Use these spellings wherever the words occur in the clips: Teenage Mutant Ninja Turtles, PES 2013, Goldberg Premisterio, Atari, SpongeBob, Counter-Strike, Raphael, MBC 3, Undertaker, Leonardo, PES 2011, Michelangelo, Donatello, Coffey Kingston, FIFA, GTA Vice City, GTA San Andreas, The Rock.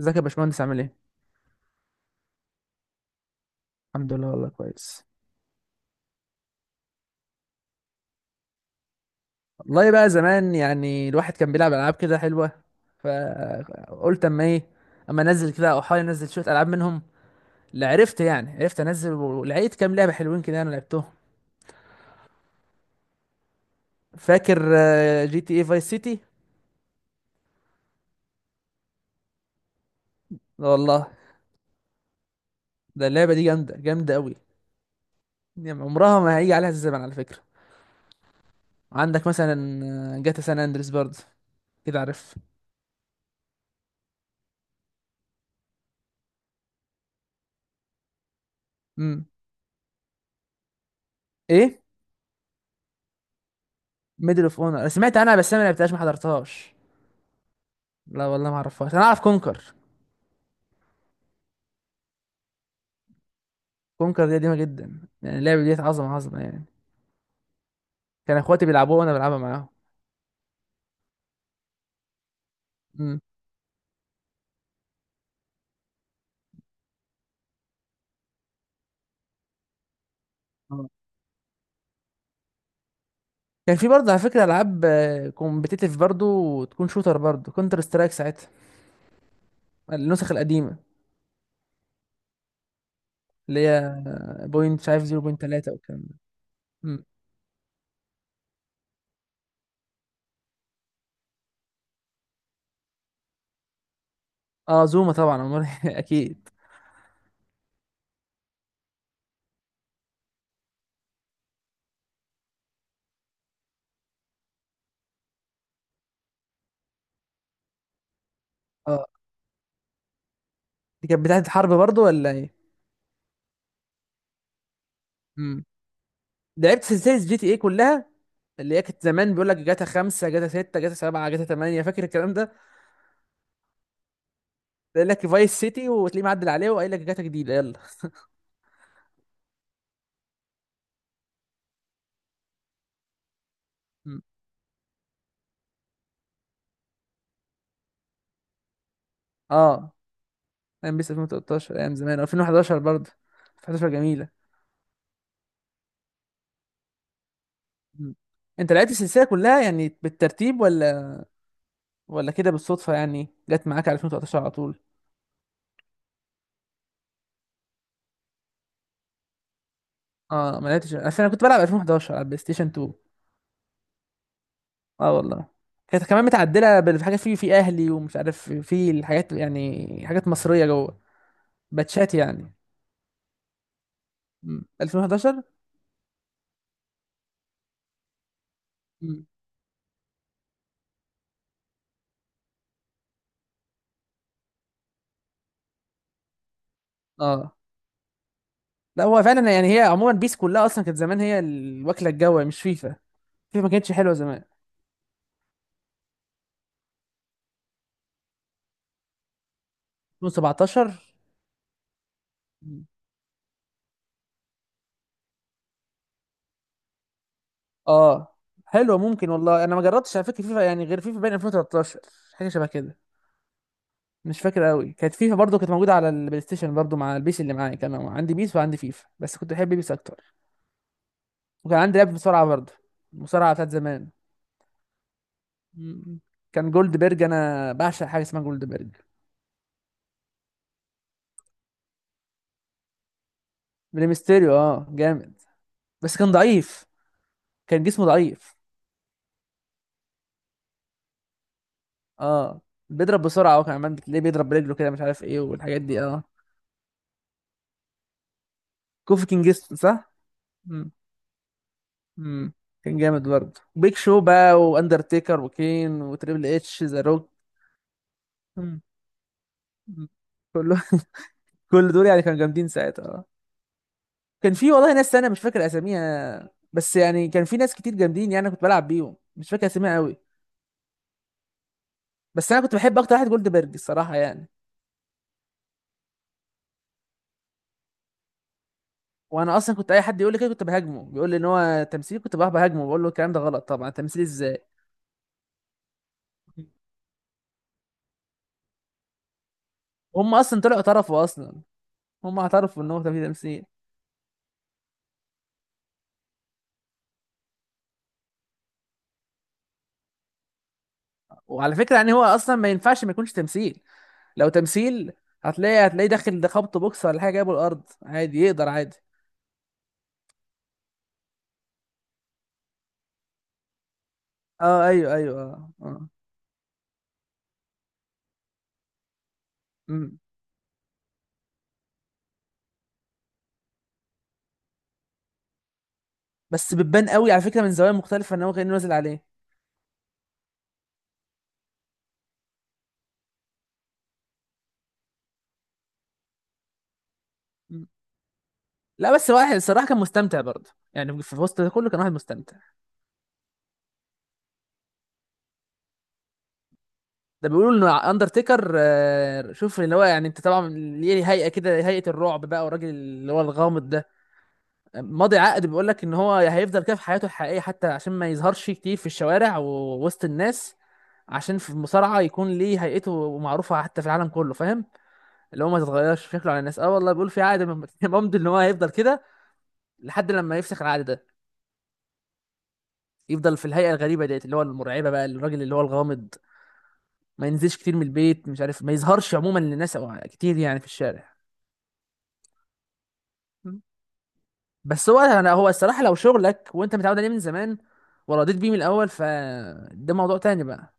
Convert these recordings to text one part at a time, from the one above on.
ازيك يا باشمهندس عامل ايه؟ الحمد لله والله كويس. والله بقى زمان يعني الواحد كان بيلعب العاب كده حلوه، فقلت اما ايه، اما انزل كده او احاول انزل شويه العاب منهم. اللي عرفت يعني عرفت انزل ولقيت كام لعبه حلوين كده انا لعبتهم. فاكر جي تي اي فايس سيتي؟ لا والله. ده اللعبه دي جامده جامده قوي، يعني عمرها ما هيجي عليها الزمن على فكره. عندك مثلا جاتا سان اندريس برضه، كده عارف. امم ايه. ميدل اوف اونر انا سمعت عنها بس انا ما لعبتهاش ما حضرتهاش. لا والله ما اعرفهاش، انا اعرف كونكر. كونكر دي قديمه جدا، يعني اللعبه دي عظمه عظمه يعني، كان اخواتي بيلعبوها وانا بلعبها معاهم. امم آه. كان في برضه على فكره العاب كومبتيتيف برضه وتكون شوتر برضه، كونتر سترايك ساعتها، النسخ القديمه اللي هي بوينت مش عارف 0.3 والكلام ده. امم اه، زوما طبعا أمال إيه؟ اكيد. اه، دي كانت بتاعه الحرب برضه ولا ايه. امم لعبت سلسله جي تي ايه كلها، اللي هي كانت زمان بيقول لك جاتا 5 جاتا 6 جاتا 7 جاتا 8، فاكر الكلام ده؟ قايل لك فايس سيتي وتلاقيه معدل عليه وقايل لك جاتا جديدة يلا. م. اه، بيس 2013 ايام زمان، 2011 برضه. 2011 جميلة. م. انت لقيت السلسلة كلها يعني بالترتيب، ولا كده بالصدفة يعني جت معاك على 2013 على طول؟ اه، ما لقيتش، اصل انا كنت بلعب 2011 على البلاي ستيشن 2. اه والله، كانت كمان متعدلة بالحاجة في اهلي ومش عارف، في الحاجات يعني حاجات مصرية جوه، باتشات يعني. م. 2011. م. اه، لا هو فعلا يعني هي عموما بيس كلها اصلا كانت زمان هي الوكله الجوه مش فيفا. فيفا ما كانتش حلوه زمان. 2017؟ اه، حلوه ممكن، والله انا ما جربتش على فكره فيفا، يعني غير فيفا بين 2013، حاجه شبه كده. مش فاكر قوي. كانت فيفا برضو كانت موجوده على البلاي ستيشن برضو مع البيس. اللي معايا كان عندي بيس وعندي فيفا، بس كنت بحب بيس اكتر. وكان عندي لعبه مصارعه برضو، المصارعه بتاعت زمان. م- كان جولد بيرج، انا بعشق حاجه اسمها جولد بيرج. بريمستيريو اه، جامد بس كان ضعيف، كان جسمه ضعيف. اه، بيضرب بسرعه هو كمان، بتلاقيه بيضرب برجله كده مش عارف ايه والحاجات دي اه. كوفي كينجستون صح؟ مم. مم. كان جامد برضه بيك شو بقى، واندرتيكر وكين وتريبل اتش ذا روك. مم. مم. كله كل دول يعني كانوا جامدين ساعتها اه. كان في والله ناس انا مش فاكر اساميها، بس يعني كان في ناس كتير جامدين يعني، أنا كنت بلعب بيهم مش فاكر اساميها قوي. بس انا كنت بحب اكتر واحد جولدبرج الصراحه يعني. وانا اصلا كنت اي حد يقول لي كده كنت بهاجمه، بيقول لي ان هو تمثيل كنت بقى بهاجمه، بقول له الكلام ده غلط طبعا، تمثيل ازاي؟ هم اصلا طلعوا اعترفوا اصلا، هم اعترفوا ان هو كان في تمثيل. وعلى فكره يعني هو اصلا ما ينفعش ما يكونش تمثيل. لو تمثيل هتلاقيه داخل ده خبط بوكس ولا حاجه جايبه الارض عادي، يقدر عادي. اه ايوه ايوه اه اه. مم. بس بتبان قوي على فكره من زوايا مختلفه ان هو كان نازل عليه. مم. لا بس واحد الصراحه كان مستمتع برضه، يعني في وسط ده كله كان واحد مستمتع. ده بيقولوا ان اندرتيكر شوف اللي هو يعني انت طبعا ليه هيئه كده، هيئه الرعب بقى، والراجل اللي هو الغامض ده ماضي عقد بيقول لك ان هو هيفضل كده في حياته الحقيقيه، حتى عشان ما يظهرش كتير في الشوارع ووسط الناس، عشان في المصارعه يكون ليه هيئته معروفه حتى في العالم كله، فاهم؟ اللي هو ما تتغيرش شكله على الناس. اه والله بيقول في عقد ممضي ان هو هيفضل كده لحد لما يفسخ العقد ده، يفضل في الهيئه الغريبه ديت اللي هو المرعبه بقى، الراجل اللي هو الغامض، ما ينزلش كتير من البيت مش عارف، ما يظهرش عموما للناس أو كتير يعني في الشارع. م. بس هو انا، هو الصراحه لو شغلك وانت متعود عليه من زمان ورضيت بيه من الاول فده موضوع تاني بقى.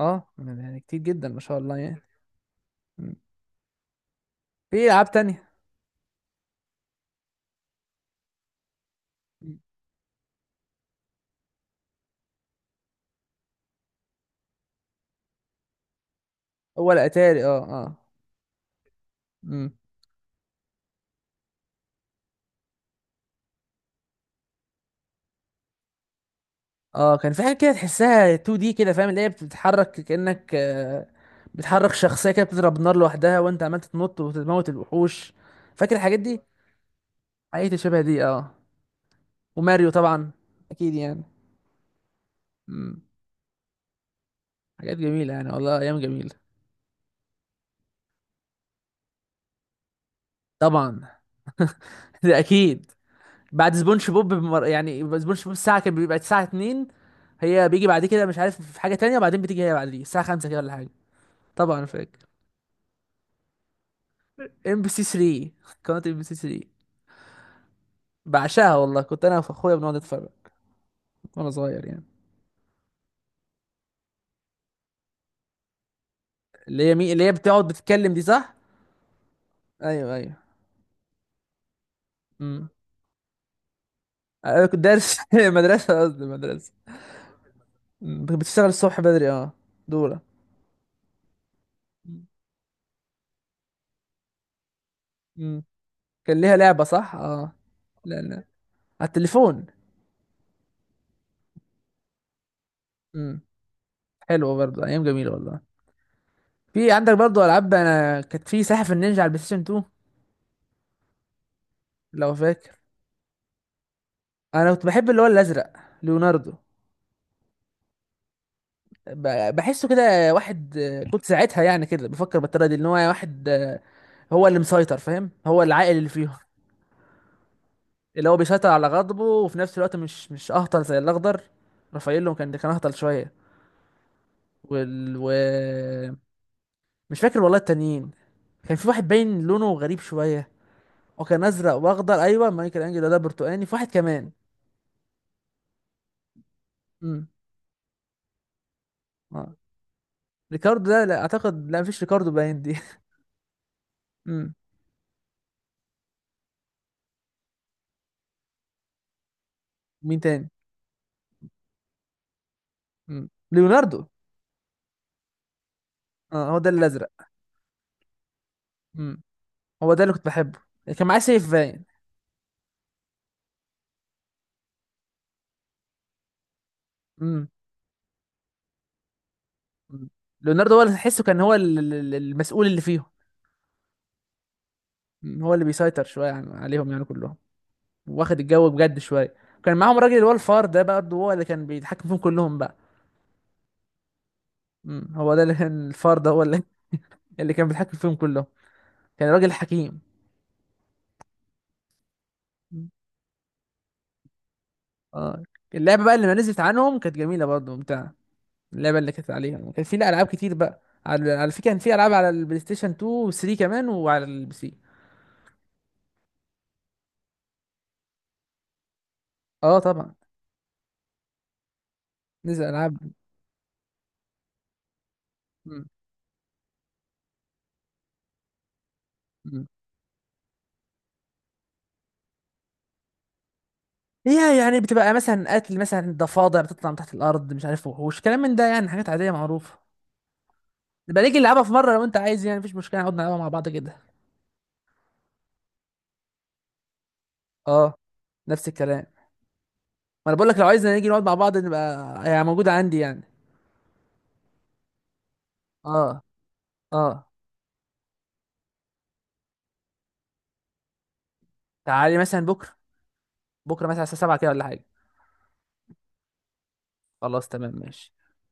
اه يعني كتير جدا ما شاء الله يعني. مم. في العاب تانية. مم. هو الاتاري اه. اه. مم. اه كان في حاجه كده تحسها 2 دي كده فاهم، اللي هي بتتحرك كانك بتحرك شخصيه كده بتضرب نار لوحدها وانت عمال تتنط وتموت الوحوش، فاكر الحاجات دي؟ حاجات شبه دي اه. وماريو طبعا، اكيد يعني. مم. حاجات جميله يعني، والله ايام جميله. طبعا ده اكيد. بعد سبونج بوب يعني سبونج بوب الساعة كان بيبقى الساعة 2، هي بيجي بعد كده مش عارف، في حاجة تانية، وبعدين بتيجي هي بعد دي الساعة 5 كده ولا حاجة. طبعا انا فاكر. ام بي سي 3، قناة ام بي سي 3، بعشقها والله، كنت انا واخويا بنقعد نتفرج وانا صغير يعني. اللي هي بتقعد بتتكلم دي صح؟ ايوه ايوه. امم انا كنت دارس مدرسة، قصدي مدرسة. بتشتغل الصبح بدري اه، دورة. امم كان ليها لعبة صح؟ اه. لا لا، على التليفون. امم حلوة برضه، ايام جميلة والله. في عندك برضه العاب، انا كانت في سلاحف النينجا على البلاي ستيشن 2 لو فاكر. انا كنت بحب اللي هو الازرق، ليوناردو. بحسه كده واحد كنت ساعتها يعني كده بفكر بالطريقه دي ان هو واحد هو اللي مسيطر، فاهم، هو العاقل اللي فيهم. اللي هو بيسيطر على غضبه وفي نفس الوقت مش اهطل زي الاخضر، رافاييلو كان اهطل شويه. وال و... مش فاكر والله التانيين، كان في واحد باين لونه غريب شويه، وكان ازرق واخضر. ايوه مايكل انجلو ده برتقاني، في واحد كمان. امم ريكاردو ده لا اعتقد، لا مفيش ريكاردو باين دي. امم مين تاني؟ ليوناردو. اه، هو ده الازرق. امم هو ده اللي كنت بحبه، كان معاه سيف باين. امم أمم. ليوناردو، هو اللي تحسه كان هو المسؤول اللي فيهم. أمم. هو اللي بيسيطر شويه يعني عليهم يعني كلهم، واخد الجو بجد شويه. كان معاهم راجل، اللي هو الفار ده برضه، هو اللي كان بيتحكم فيهم كلهم بقى. هو ده اللي كان الفار ده هو اللي، اللي كان بيتحكم فيهم كلهم كان راجل حكيم. أمم. اه. اللعبه بقى اللي ما نزلت عنهم كانت جميله برضه ممتعه، اللعبه اللي كانت عليها كان في، لا، العاب كتير بقى على فكره كان في العاب على البلاي ستيشن 2 و3 كمان وعلى البي سي. اه طبعا نزل العاب. مم. مم. هي يعني بتبقى مثلا قتل مثلا ضفادع بتطلع من تحت الارض، مش عارف، وحوش كلام من ده يعني حاجات عاديه معروفه. نبقى نيجي نلعبها في مره لو انت عايز، يعني مفيش مشكله، نقعد نلعبها مع بعض كده. اه، نفس الكلام. ما انا بقول لك لو عايزنا نيجي نقعد مع بعض نبقى، يعني موجوده عندي يعني. اه اه. تعالي مثلا بكره، بكره مثلا الساعه 7 كده ولا حاجه. خلاص تمام ماشي.